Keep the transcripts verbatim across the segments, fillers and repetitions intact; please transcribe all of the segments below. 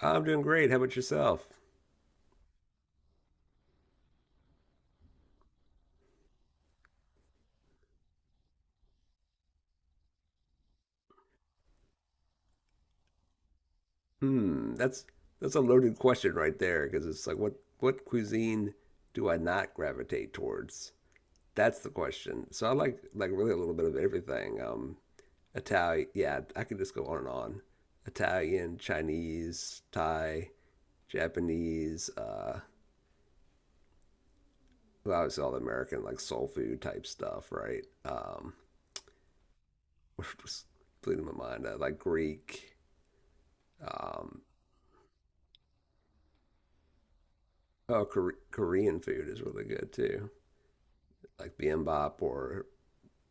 I'm doing great. How about yourself? Hmm, that's that's a loaded question right there because it's like what what cuisine do I not gravitate towards? That's the question. So I like like really a little bit of everything. Um, Italian, yeah, I can just go on and on. Italian, Chinese, Thai, Japanese, uh, well, obviously all the American like soul food type stuff, right? Um, just bleeding my mind. I like Greek. Um, oh, Kore- Korean food is really good too. Like Bimbop or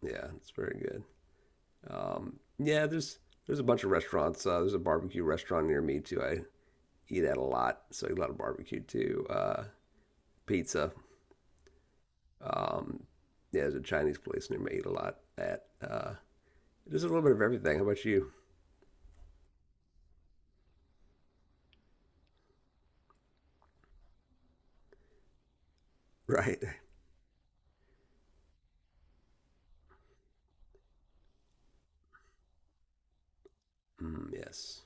yeah, it's very good. Um, yeah, there's there's a bunch of restaurants. Uh, there's a barbecue restaurant near me too. I eat at a lot, so I eat a lot of barbecue too. Uh, pizza. Um, yeah, there's a Chinese place near me. I eat a lot at. Uh, there's a little bit of everything. How about you? Right. Mm, yes.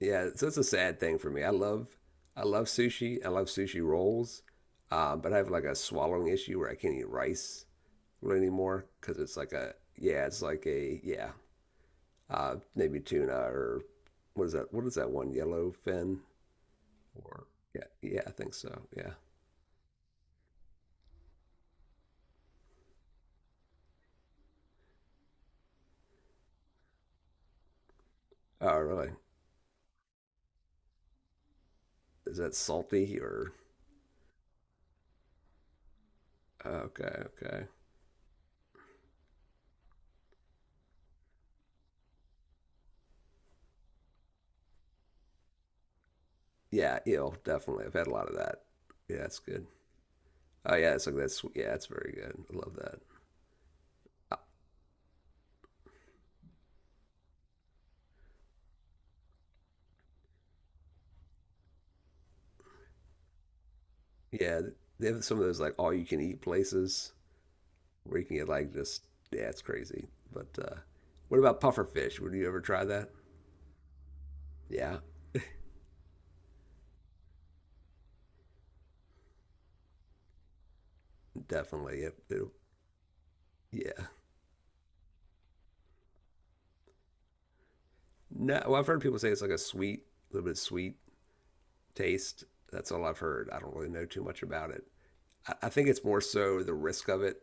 Yeah. So it's a sad thing for me. I love I love sushi. I love sushi rolls. Uh, but I have like a swallowing issue where I can't eat rice. Really anymore because it's like a yeah, it's like a yeah, uh, maybe tuna or what is that? What is that one? Yellow fin? Or yeah, yeah, I think so. Yeah. Oh, really? Is that salty or? Okay, okay. Yeah, eel, definitely. I've had a lot of that. Yeah, it's good. Oh, yeah, it's like that's yeah, it's very good. I love that. Yeah, they have some of those like all you can eat places where you can get like just yeah, it's crazy. But uh, what about puffer fish? Would you ever try that? Yeah, definitely. It, it Yeah. No, well, I've heard people say it's like a sweet, a little bit sweet taste. That's all I've heard. I don't really know too much about it. I, I think it's more so the risk of it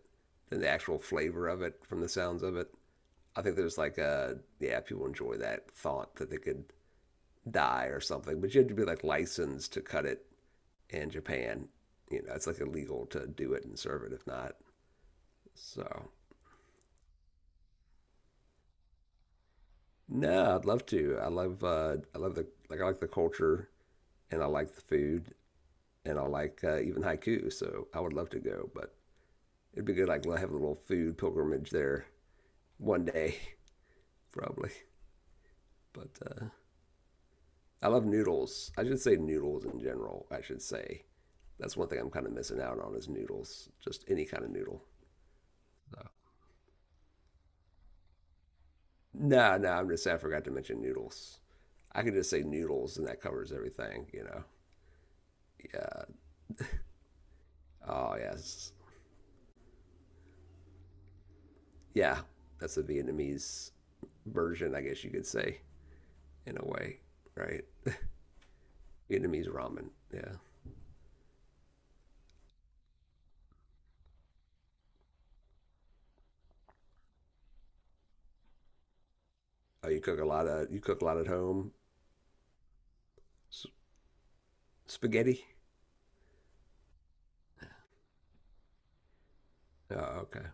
than the actual flavor of it from the sounds of it. I think there's like a, yeah, people enjoy that thought that they could die or something, but you have to be like licensed to cut it in Japan. You know, it's like illegal to do it and serve it if not. So, no, I'd love to. I love, uh, I love the, like, I like the culture and I like the food and I like uh, even haiku. So I would love to go, but it'd be good. Like have a little food pilgrimage there one day, probably. But uh, I love noodles. I should say noodles in general. I should say that's one thing I'm kind of missing out on is noodles. Just any kind of noodle. So. No, no. I'm just saying I forgot to mention noodles. I could just say noodles and that covers everything. You know. Yeah. Oh yes. Yeah. That's a Vietnamese version, I guess you could say, in a way, right? Vietnamese ramen. Yeah. Oh, you cook a lot of you cook a lot at home. S- spaghetti. Oh, okay.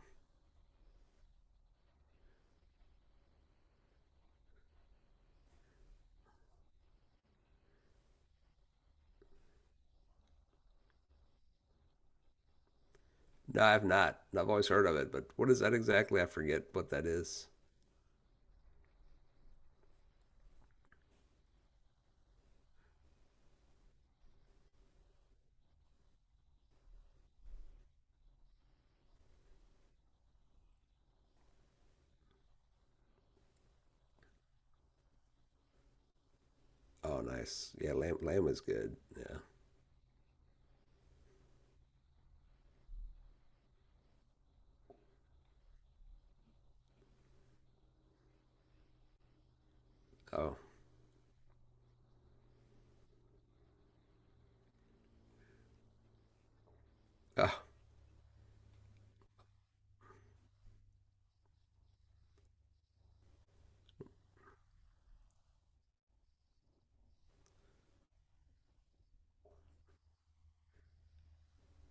No, I've not. I've always heard of it, but what is that exactly? I forget what that is. Oh, nice. Yeah, lamb lamb is good. Yeah. Oh, oh,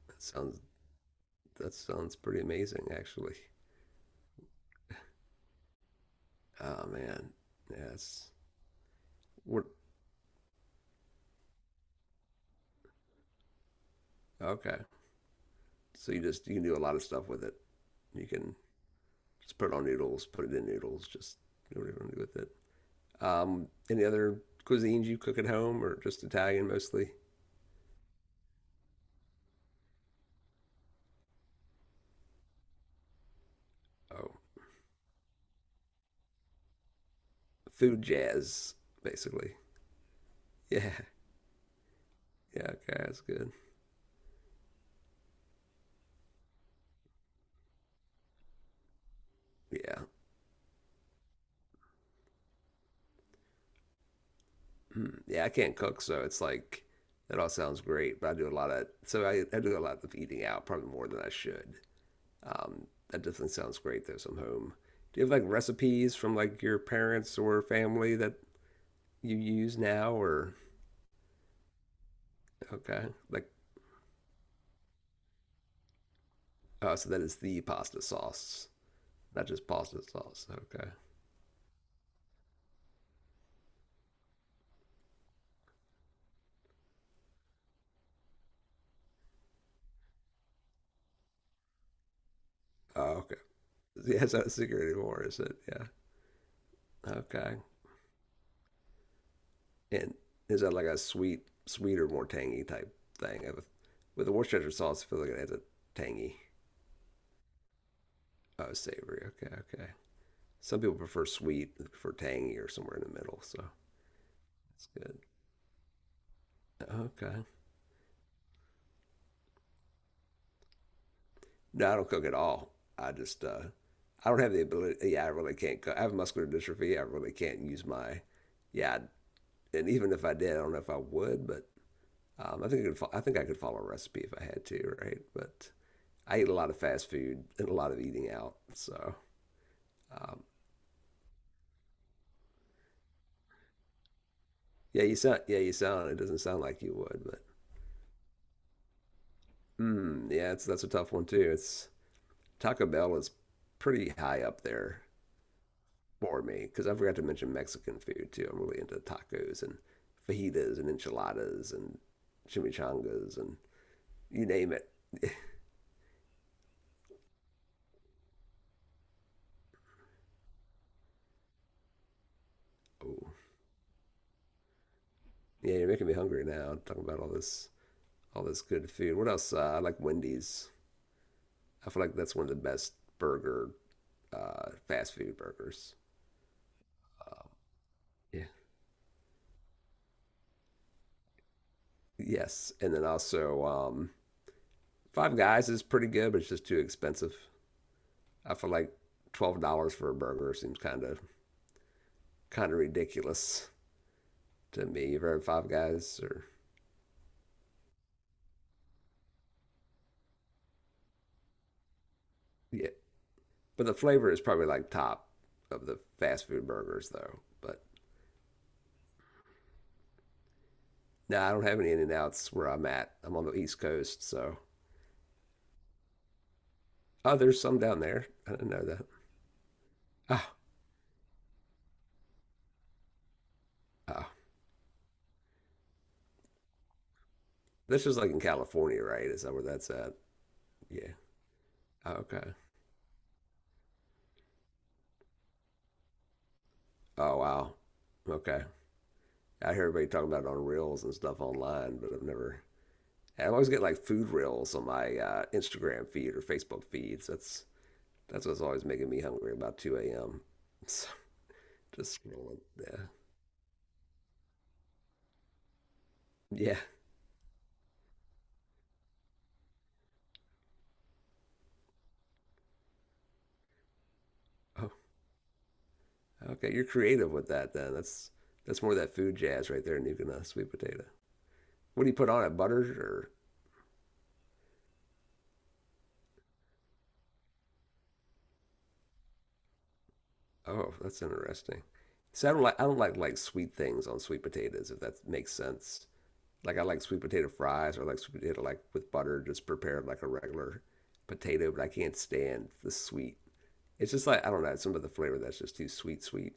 that sounds that sounds pretty amazing actually. Oh man. Yes. What? Okay. So you just you can do a lot of stuff with it. You can just put it on noodles, put it in noodles, just do whatever you want to do with it. Um, any other cuisines you cook at home or just Italian mostly? Oh, food jazz, basically. Yeah. Yeah. Okay. That's good. Yeah. Mm. Yeah. I can't cook. So it's like, that all sounds great, but I do a lot of, so I, I do a lot of eating out, probably more than I should. Um, that definitely sounds great though, so I'm home. Do you have like recipes from like your parents or family that you use now or, okay. Like, oh, so that is the pasta sauce, not just pasta sauce. Okay. Oh, okay. Yeah, it's not a secret anymore, is it? Yeah. Okay. And is that like a sweet, sweeter, more tangy type thing? With, with the Worcestershire sauce, I feel like it adds a tangy. Oh, savory. Okay, okay. Some people prefer sweet, they prefer tangy, or somewhere in the middle. So that's good. Okay. No, I don't cook at all. I just, uh, I don't have the ability. Yeah, I really can't cook. I have muscular dystrophy. I really can't use my, yeah. And even if I did, I don't know if I would, but Um, I think I could I think I could follow a recipe if I had to, right? But I eat a lot of fast food and a lot of eating out, so um, yeah, you sound yeah you sound. It doesn't sound like you would, but mm, yeah, it's that's a tough one too. It's Taco Bell is pretty high up there for me because I forgot to mention Mexican food too. I'm really into tacos and fajitas and enchiladas and chimichangas and you name it. Oh, yeah, you're making me hungry now. Talking about all this all this good food. What else? Uh, I like Wendy's. I feel like that's one of the best burger, uh, fast food burgers. Yeah. Yes, and then also um, Five Guys is pretty good, but it's just too expensive. I feel like twelve dollars for a burger seems kind of kind of ridiculous to me. You've heard of Five Guys, or yeah, but the flavor is probably like top of the fast food burgers though. But no, I don't have any In N Outs where I'm at. I'm on the East Coast, so oh, there's some down there. I didn't know that. Oh, oh, this is like in California, right? Is that where that's at? Yeah. Oh, okay. Oh wow. Okay. I hear everybody talking about it on reels and stuff online, but I've never. I always get like food reels on my uh, Instagram feed or Facebook feeds. That's that's what's always making me hungry about two a m So just scrolling. Yeah. Yeah. Oh, okay. You're creative with that then. That's that's more of that food jazz right there, Nukenuh, sweet potato. What do you put on it? Butter or? Oh, that's interesting. So I don't like I don't like like sweet things on sweet potatoes if that makes sense. Like I like sweet potato fries or like sweet potato like with butter, just prepared like a regular potato, but I can't stand the sweet. It's just like I don't know, some of the flavor that's just too sweet, sweet,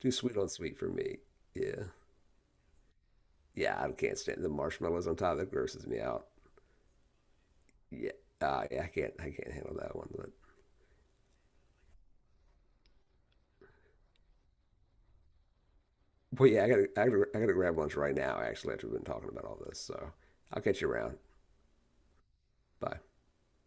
too sweet on sweet for me. Yeah, yeah, I can't stand the marshmallows on top. That grosses me out. Yeah, uh, yeah, I can't, I can't handle that one. But, but yeah, I gotta, I gotta, I gotta grab lunch right now. Actually, after we've been talking about all this, so I'll catch you around. Bye.